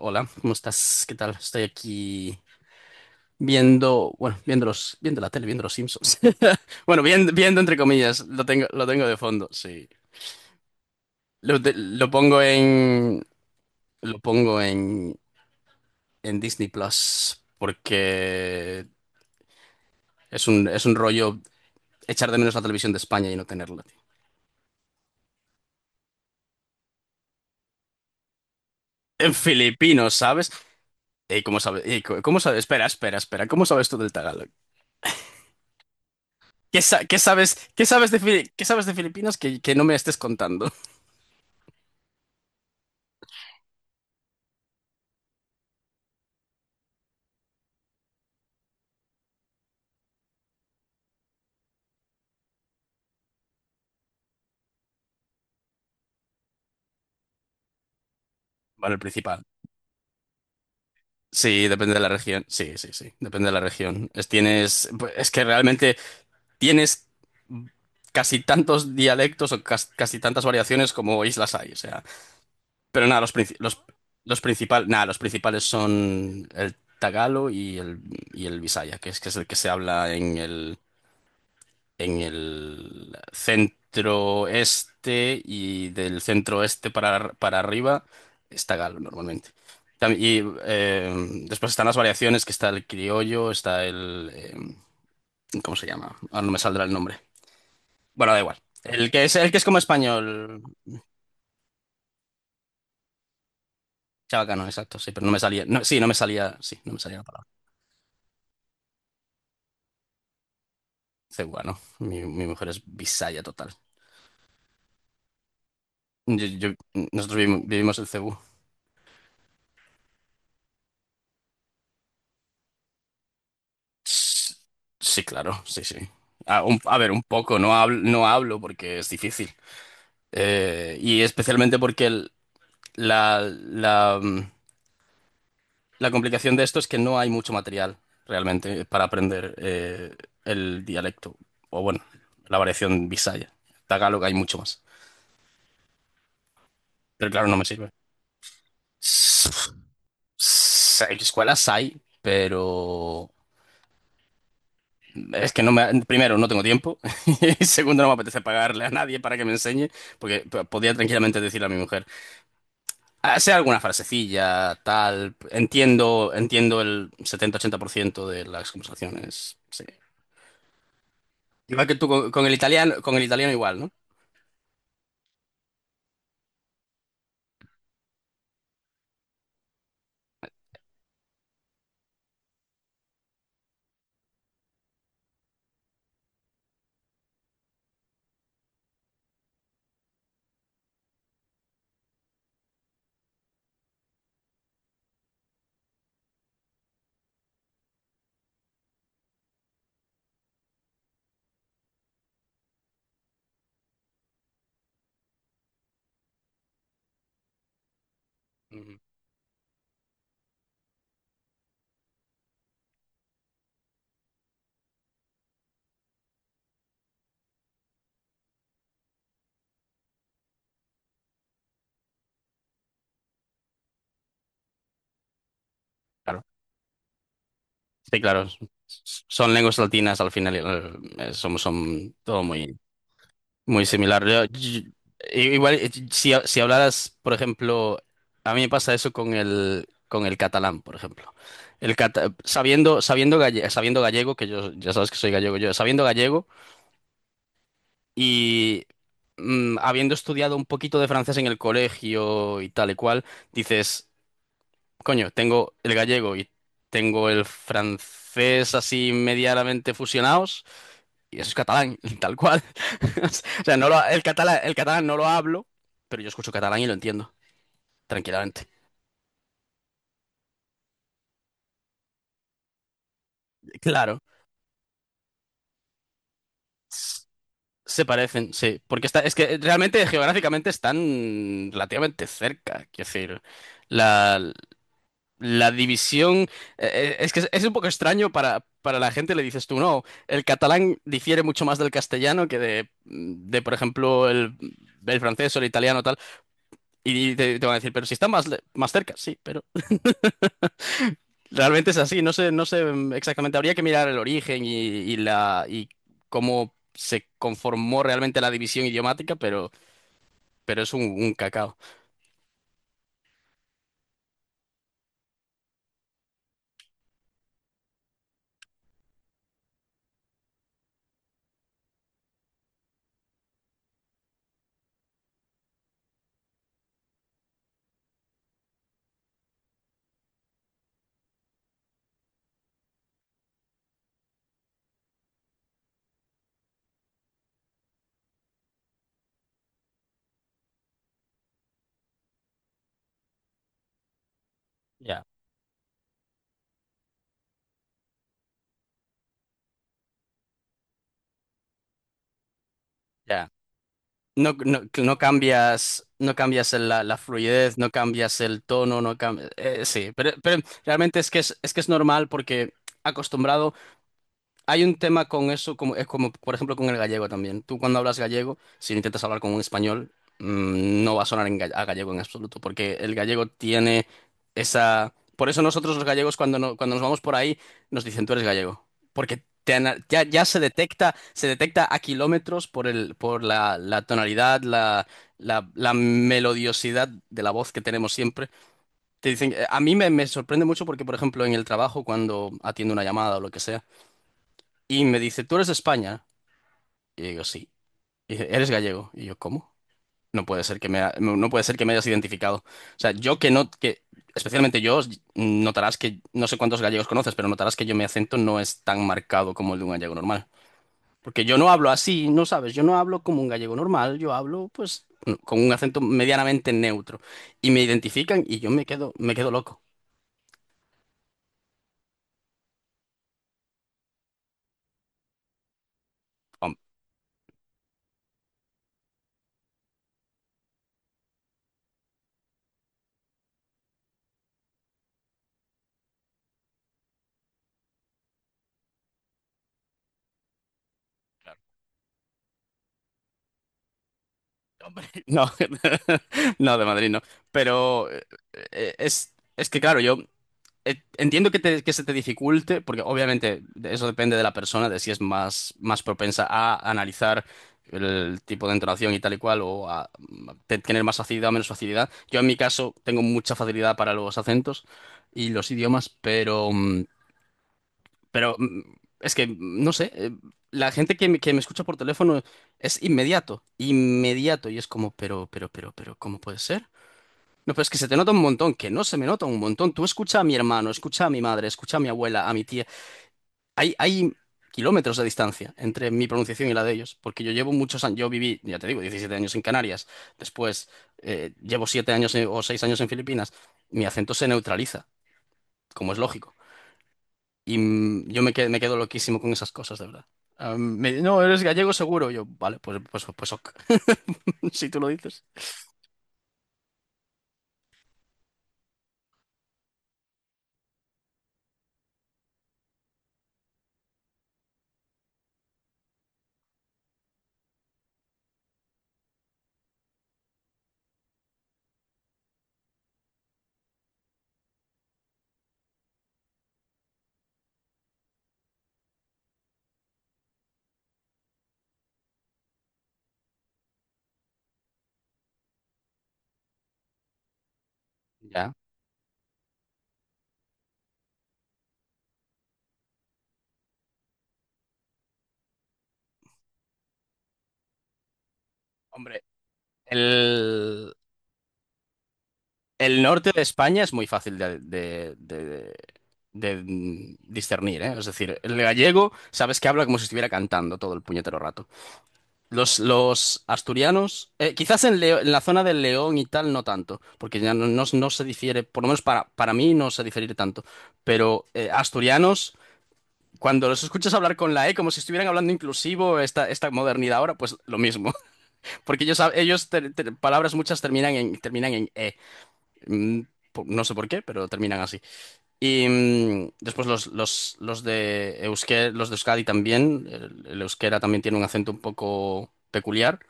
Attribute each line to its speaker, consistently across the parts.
Speaker 1: Hola, ¿cómo estás? ¿Qué tal? Estoy aquí viendo, bueno, viendo la tele, viendo los Simpsons. Bueno, viendo entre comillas, lo tengo de fondo, sí. Lo pongo en lo pongo en, Disney Plus porque es un rollo echar de menos la televisión de España y no tenerla, tío. En filipino, ¿sabes? Ey, ¿cómo sabes? Ey, ¿cómo sabes? Espera, espera, espera. ¿Cómo sabes tú del Tagalog? ¿Qué sabes de Filipinas que no me estés contando? Bueno, el principal. Sí, depende de la región. Sí, sí, sí, depende de la región. Es que realmente tienes casi tantos dialectos o casi tantas variaciones como islas hay. O sea, pero nada, los principales son el tagalo y el bisaya, que es el que se habla en el centro este y del centro este para arriba está Galo normalmente. Tam- Y eh, después están las variaciones, que está el criollo, está. ¿Cómo se llama? Ahora no me saldrá el nombre. Bueno, da igual. El que es como español. Chabacano, exacto, sí, pero no me salía. No, sí, no me salía. Sí, no me salía la palabra. Cebuano. Mi mujer es bisaya total. Yo- yo- nosotros vivimos el Cebú. S- Sí, claro, sí, sí. A ver, un poco, no hablo porque es difícil. Y especialmente porque la, la, mm, la complicación de esto es que no hay mucho material realmente para aprender el dialecto. O bueno, la variación bisaya. Tagalog hay mucho más. Pero claro, no me sirve. S- Escuelas hay, pero. Es que no me, primero, no tengo tiempo y segundo, no me apetece pagarle a nadie para que me enseñe, porque podría tranquilamente decirle a mi mujer, "Ah, sea alguna frasecilla, tal, entiendo el 70-80% de las conversaciones. Sí. Igual que tú con el italiano, igual, ¿no? Ujú. Claro. Sí, claro. Son lenguas latinas al final, son todo muy muy similar. Igual, si hablaras, por ejemplo, a mí me pasa eso con el catalán, por ejemplo. El cata- sabiendo, sabiendo, galle- sabiendo gallego, que yo ya sabes que soy gallego yo, sabiendo gallego y habiendo estudiado un poquito de francés en el colegio y tal y cual, dices. Coño, tengo el gallego y tengo el francés así medianamente fusionados y eso es catalán, tal cual. O sea, no lo- el catalán no lo hablo, pero yo escucho catalán y lo entiendo tranquilamente. Claro, s- se parecen, sí, porque está, es que realmente geográficamente están relativamente cerca, quiero decir, la, la división. Es que es un poco extraño para la gente, le dices tú, no, el catalán difiere mucho más del castellano que de, de por ejemplo, el francés o el italiano tal, y te van a decir, pero si están más, más cerca, sí, pero realmente es así, no sé exactamente, habría que mirar el origen y cómo se conformó realmente la división idiomática, pero, es un cacao. Ya. Ya. No, no, no cambias la fluidez, no cambias el tono, no cambias. Sí, pero realmente es que es, normal porque acostumbrado. Hay un tema con eso, como, es como, por ejemplo, con el gallego también. Tú cuando hablas gallego, si intentas hablar con un español, no va a sonar a gallego en absoluto, porque el gallego tiene. Por eso nosotros los gallegos cuando, no- cuando nos vamos por ahí, nos dicen tú eres gallego, porque ya se detecta, a kilómetros por la tonalidad, la melodiosidad de la voz que tenemos siempre. Te dicen, a mí me sorprende mucho porque, por ejemplo, en el trabajo, cuando atiendo una llamada o lo que sea, y me dice, ¿tú eres de España? Y digo, sí. Y dice, ¿eres gallego? Y yo, ¿cómo? No puede ser que me, ha- no no puede ser que me hayas identificado. O sea, yo que no, especialmente yo, notarás que, no sé cuántos gallegos conoces, pero notarás que yo mi acento no es tan marcado como el de un gallego normal. Porque yo no hablo así, no sabes, yo no hablo como un gallego normal, yo hablo, pues, con un acento medianamente neutro. Y me identifican y yo me quedo loco. Hom- No, no, de Madrid no. Pero es que, claro, entiendo que se te dificulte, porque obviamente eso depende de la persona, de si es más, más propensa a analizar el tipo de entonación y tal y cual, o a tener más facilidad o menos facilidad. Yo en mi caso tengo mucha facilidad para los acentos y los idiomas, pero, pero mm, es que, no sé, la gente que que me escucha por teléfono es inmediato, inmediato, y es como, pero, ¿cómo puede ser? No, pero es que se te nota un montón, que no se me nota un montón. Tú escucha a mi hermano, escucha a mi madre, escucha a mi abuela, a mi tía. Hay kilómetros de distancia entre mi pronunciación y la de ellos, porque yo llevo muchos años, yo viví, ya te digo, 17 años en Canarias, después llevo 7 años o 6 años en Filipinas, mi acento se neutraliza, como es lógico. Y yo me quedo loquísimo con esas cosas, de verdad. Ah, no, eres gallego seguro. Yo, vale, pues, ok. Si tú lo dices. Ya. Hombre, el... El norte de España es muy fácil de discernir, ¿eh? Es decir, el gallego sabes que habla como si estuviera cantando todo el puñetero rato. Los asturianos, quizás en la zona del León y tal no tanto, porque ya no se difiere, por lo menos para mí no se difiere tanto, pero asturianos, cuando los escuchas hablar con la E como si estuvieran hablando inclusivo esta, esta modernidad ahora, pues lo mismo, porque ellos, palabras muchas terminan en, terminan en E. Mm, No sé por qué, pero terminan así. Y después los de Euskera, los de Euskadi también. El euskera también tiene un acento un poco peculiar.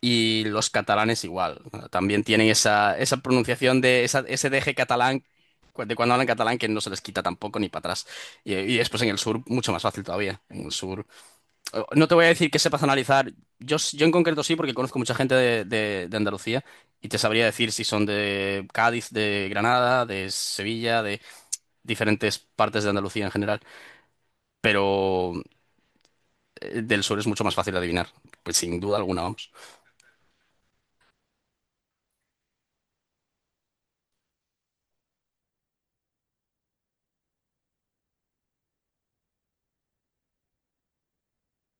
Speaker 1: Y los catalanes igual. También tienen esa pronunciación de ese deje catalán de cuando hablan catalán que no se les quita tampoco ni para atrás. Y después en el sur, mucho más fácil todavía. En el sur. No te voy a decir que sepas analizar. Yo en concreto sí, porque conozco mucha gente de Andalucía y te sabría decir si son de Cádiz, de Granada, de Sevilla, de diferentes partes de Andalucía en general. Pero del sur es mucho más fácil de adivinar. Pues sin duda alguna, vamos.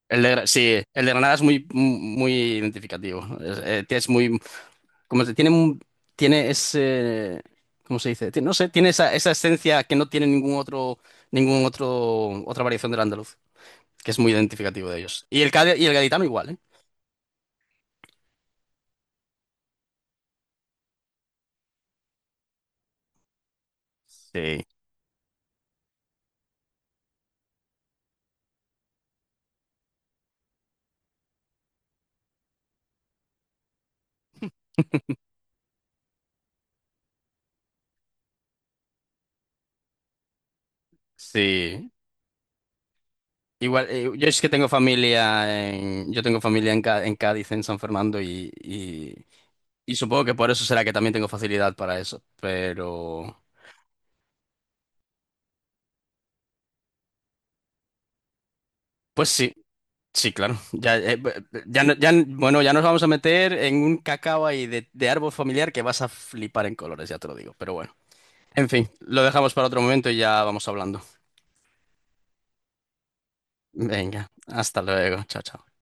Speaker 1: Sí, el de Granada es muy, muy identificativo. Es muy, como se- tiene, un- tiene ese, ¿cómo se dice? No sé, tiene esa esencia que no tiene ningún otro, otra variación del andaluz. Que es muy identificativo de ellos. Y y el gaditano igual, ¿eh? Sí, sí. Igual, yo es que yo tengo familia en, en Cádiz, en San Fernando, y supongo que por eso será que también tengo facilidad para eso. Pero, pues sí, sí, claro. Ya, ya, bueno, ya nos vamos a meter en un cacao ahí de árbol familiar que vas a flipar en colores, ya te lo digo. Pero bueno, en fin, lo dejamos para otro momento y ya vamos hablando. Venga, hasta luego, chao, chao.